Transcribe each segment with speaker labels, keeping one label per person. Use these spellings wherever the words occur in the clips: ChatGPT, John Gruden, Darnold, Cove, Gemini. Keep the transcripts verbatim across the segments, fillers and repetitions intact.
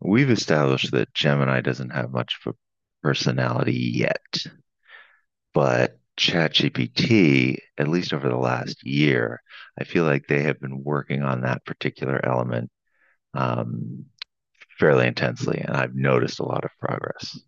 Speaker 1: We've established that Gemini doesn't have much of a personality yet, but ChatGPT, at least over the last year, I feel like they have been working on that particular element um, fairly intensely, and I've noticed a lot of progress.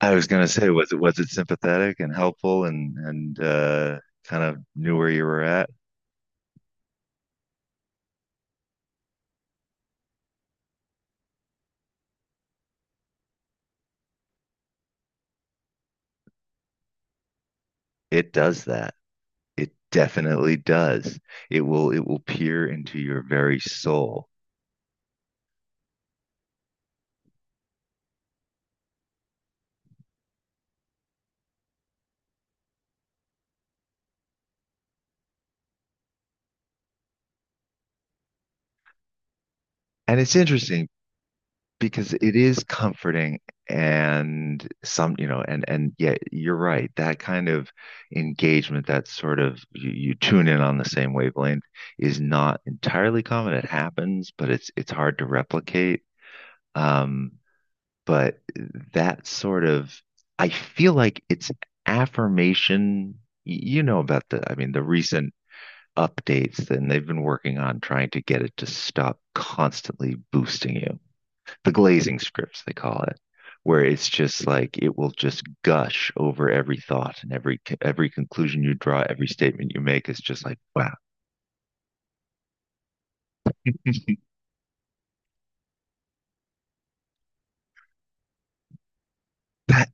Speaker 1: I was going to say, was it was it sympathetic and helpful and and uh, kind of knew where you were at? It does that. It definitely does. It will it will peer into your very soul. And it's interesting because it is comforting and some, you know, and and yeah, you're right. That kind of engagement, that sort of you, you tune in on the same wavelength is not entirely common. It happens, but it's it's hard to replicate. Um, but that sort of I feel like it's affirmation. You know about the, I mean, the recent updates and they've been working on trying to get it to stop constantly boosting you. The glazing scripts, they call it, where it's just like it will just gush over every thought and every every conclusion you draw, every statement you make is just like, wow, that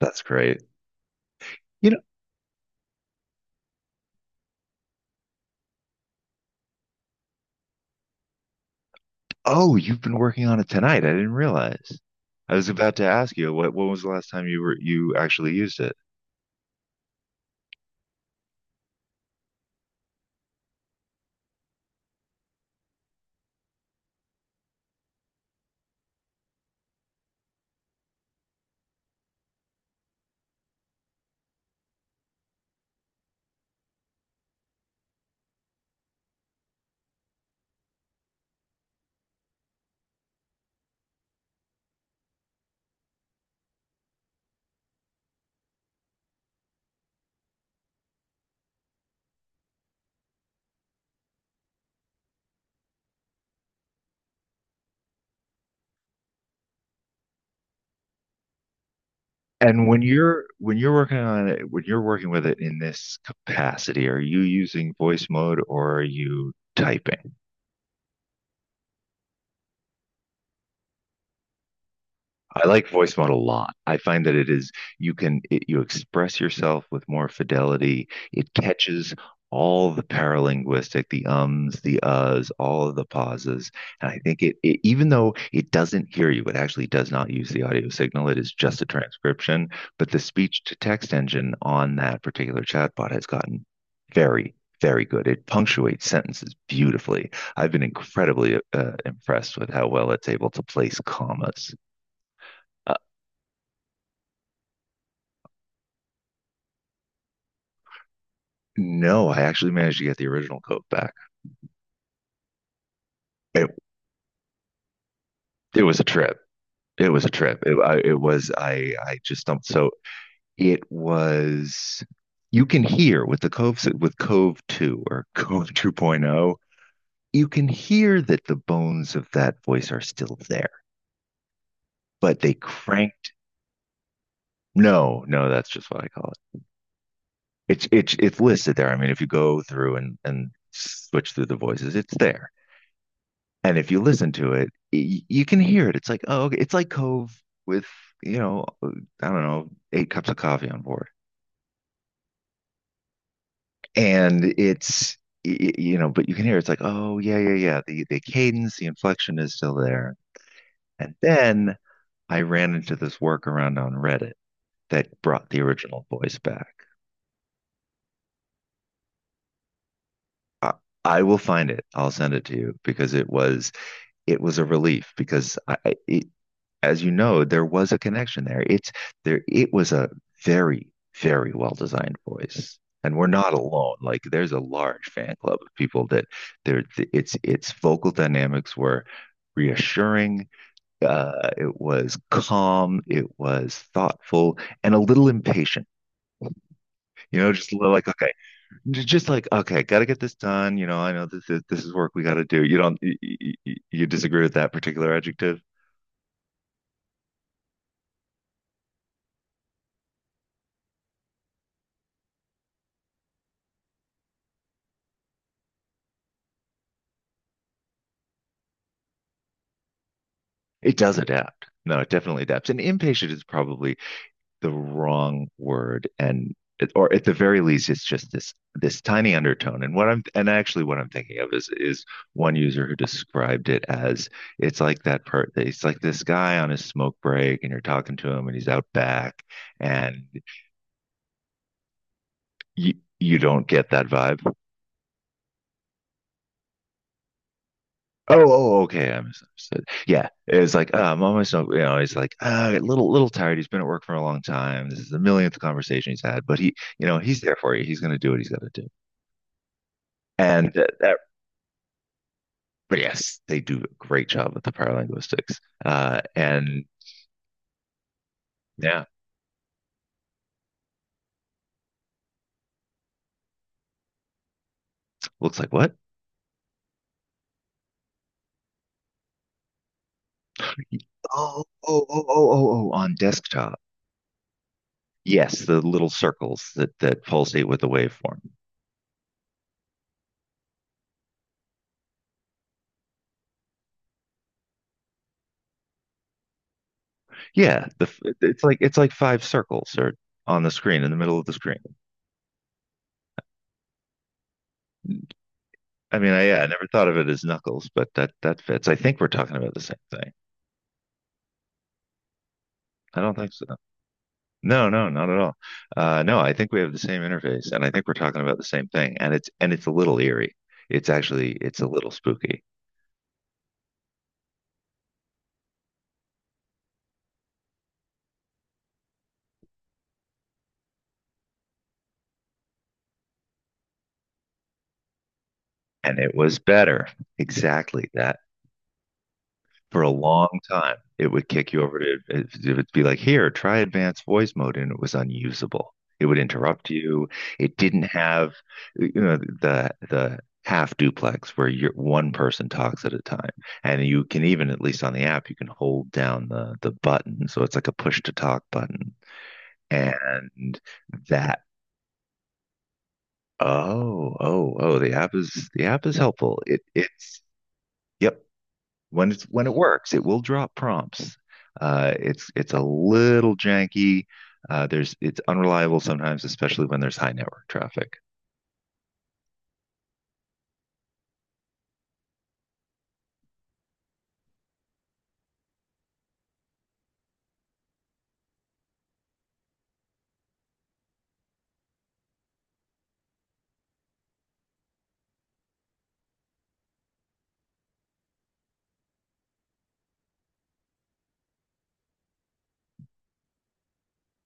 Speaker 1: that's great. You know, oh, you've been working on it tonight. I didn't realize. I was about to ask you what when was the last time you were you actually used it? And when you're when you're working on it, when you're working with it in this capacity, are you using voice mode or are you typing? I like voice mode a lot. I find that it is you can it, you express yourself with more fidelity. It catches all the paralinguistic, the ums, the uhs, all of the pauses, and I think it, it even though it doesn't hear you, it actually does not use the audio signal. It is just a transcription, but the speech to text engine on that particular chatbot has gotten very very good. It punctuates sentences beautifully. I've been incredibly uh, impressed with how well it's able to place commas. uh, No, I actually managed to get the original coat back. It, it was a trip. It was a trip. It, I, it was, I, I just stumped. So it was, you can hear with the Cove, with Cove two or Cove 2.0, you can hear that the bones of that voice are still there, but they cranked. No, no, that's just what I call it. It's, it's, it's listed there. I mean, if you go through and, and switch through the voices, it's there. And if you listen to it, y- you can hear it. It's like, oh, okay. It's like Cove with, you know, I don't know, eight cups of coffee on board. And it's, y- y- you know, but you can hear it's like, oh, yeah, yeah, yeah. The, the cadence, the inflection is still there. And then I ran into this workaround on Reddit that brought the original voice back. I, I will find it. I'll send it to you because it was it was a relief because I, I- as you know, there was a connection there. It's there. It was a very, very well designed voice, and we're not alone. Like there's a large fan club of people that there. It's its vocal dynamics were reassuring. Uh, it was calm. It was thoughtful and a little impatient. You know, just like okay, just like okay, got to get this done. You know, I know this is this is work we got to do. You don't you, you disagree with that particular adjective? It does adapt. No, it definitely adapts. And impatient is probably the wrong word. And or at the very least, it's just this this tiny undertone. And what I'm and actually what I'm thinking of is is one user who described it as it's like that part. It's like this guy on his smoke break, and you're talking to him, and he's out back, and you you don't get that vibe. Oh, oh, okay. I misunderstood. Yeah, it was like, uh, I'm almost, you know, he's like, uh, a little, little tired. He's been at work for a long time. This is the millionth conversation he's had, but he, you know, he's there for you. He's going to do what he's got to do. And that, that, but yes, they do a great job with the paralinguistics. Uh, and yeah, looks like what? Oh, oh, oh, oh, oh, oh, on desktop. Yes, the little circles that that pulsate with the waveform. Yeah, the it's like it's like five circles or on the screen in the middle of the screen. I mean, I, yeah, I never thought of it as knuckles, but that that fits. I think we're talking about the same thing. I don't think so. No, no, not at all. Uh, no, I think we have the same interface, and I think we're talking about the same thing. And it's and it's a little eerie. It's actually it's a little spooky. And it was better. Exactly that. For a long time. It would kick you over to, it it would be like, here, try advanced voice mode. And it was unusable. It would interrupt you. It didn't have, you know, the, the, half duplex where you're one person talks at a time and you can even at least on the app you can hold down the the button so it's like a push to talk button and that oh oh oh the app is the app is helpful it it's yep when it's when it works, it will drop prompts. Uh, it's it's a little janky. Uh, there's it's unreliable sometimes, especially when there's high network traffic.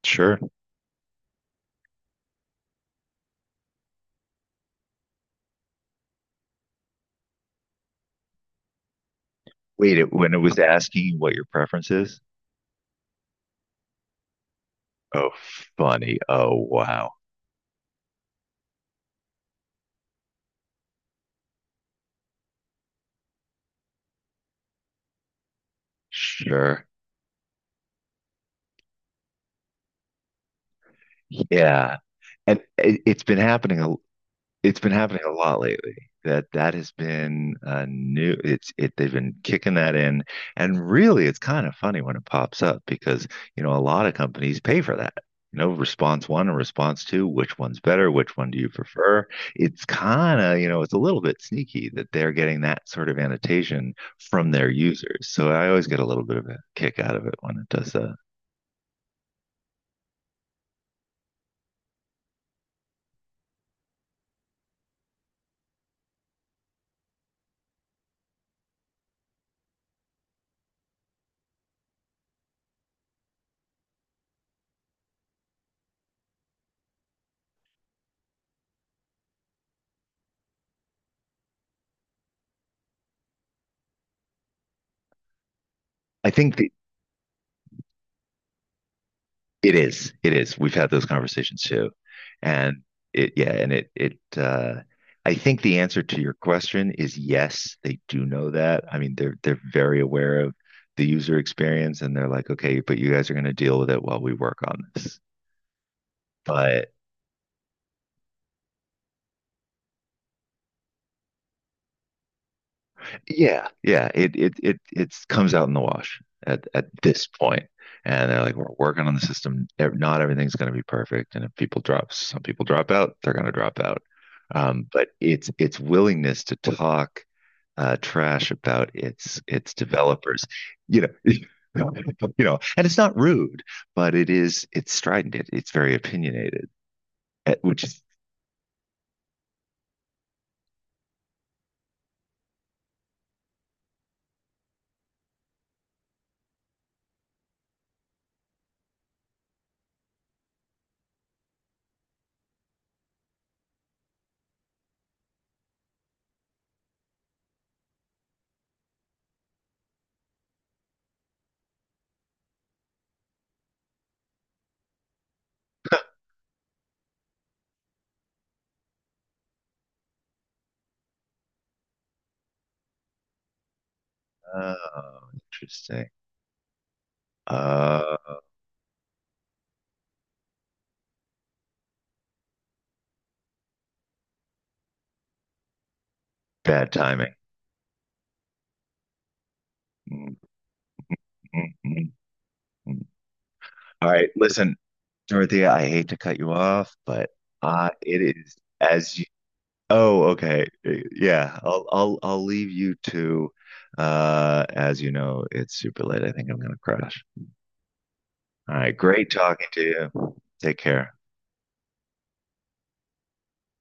Speaker 1: Sure. Wait, it, when it was asking you what your preference is? Oh, funny. Oh, wow. Sure. Yeah. And it, it's been happening a, it's been happening a lot lately. That that has been a new. It's it. They've been kicking that in, and really, it's kind of funny when it pops up because you know a lot of companies pay for that. You know, response one and response two. Which one's better? Which one do you prefer? It's kind of you know it's a little bit sneaky that they're getting that sort of annotation from their users. So I always get a little bit of a kick out of it when it does that. I think the It is. It is. We've had those conversations too. And it, yeah, and it, it, uh, I think the answer to your question is yes, they do know that. I mean, they're they're very aware of the user experience and they're like, okay, but you guys are going to deal with it while we work on this. But yeah, yeah. It it it it comes out in the wash at at this point, and they're like, we're working on the system. Not everything's going to be perfect, and if people drop, some people drop out, they're going to drop out. Um, but it's it's willingness to talk uh, trash about its its developers, you know, you know, and it's not rude, but it is it's strident. It, it's very opinionated, eh, which is oh, interesting. Uh, Bad timing. Mm, mm, mm, mm. All right, listen, Dorothea, I hate to cut you off, but uh it is as you Oh, okay. Uh, Yeah, I'll I'll I'll leave you to uh as you know, it's super late. I think I'm gonna crash. All right, great talking to you. Take care.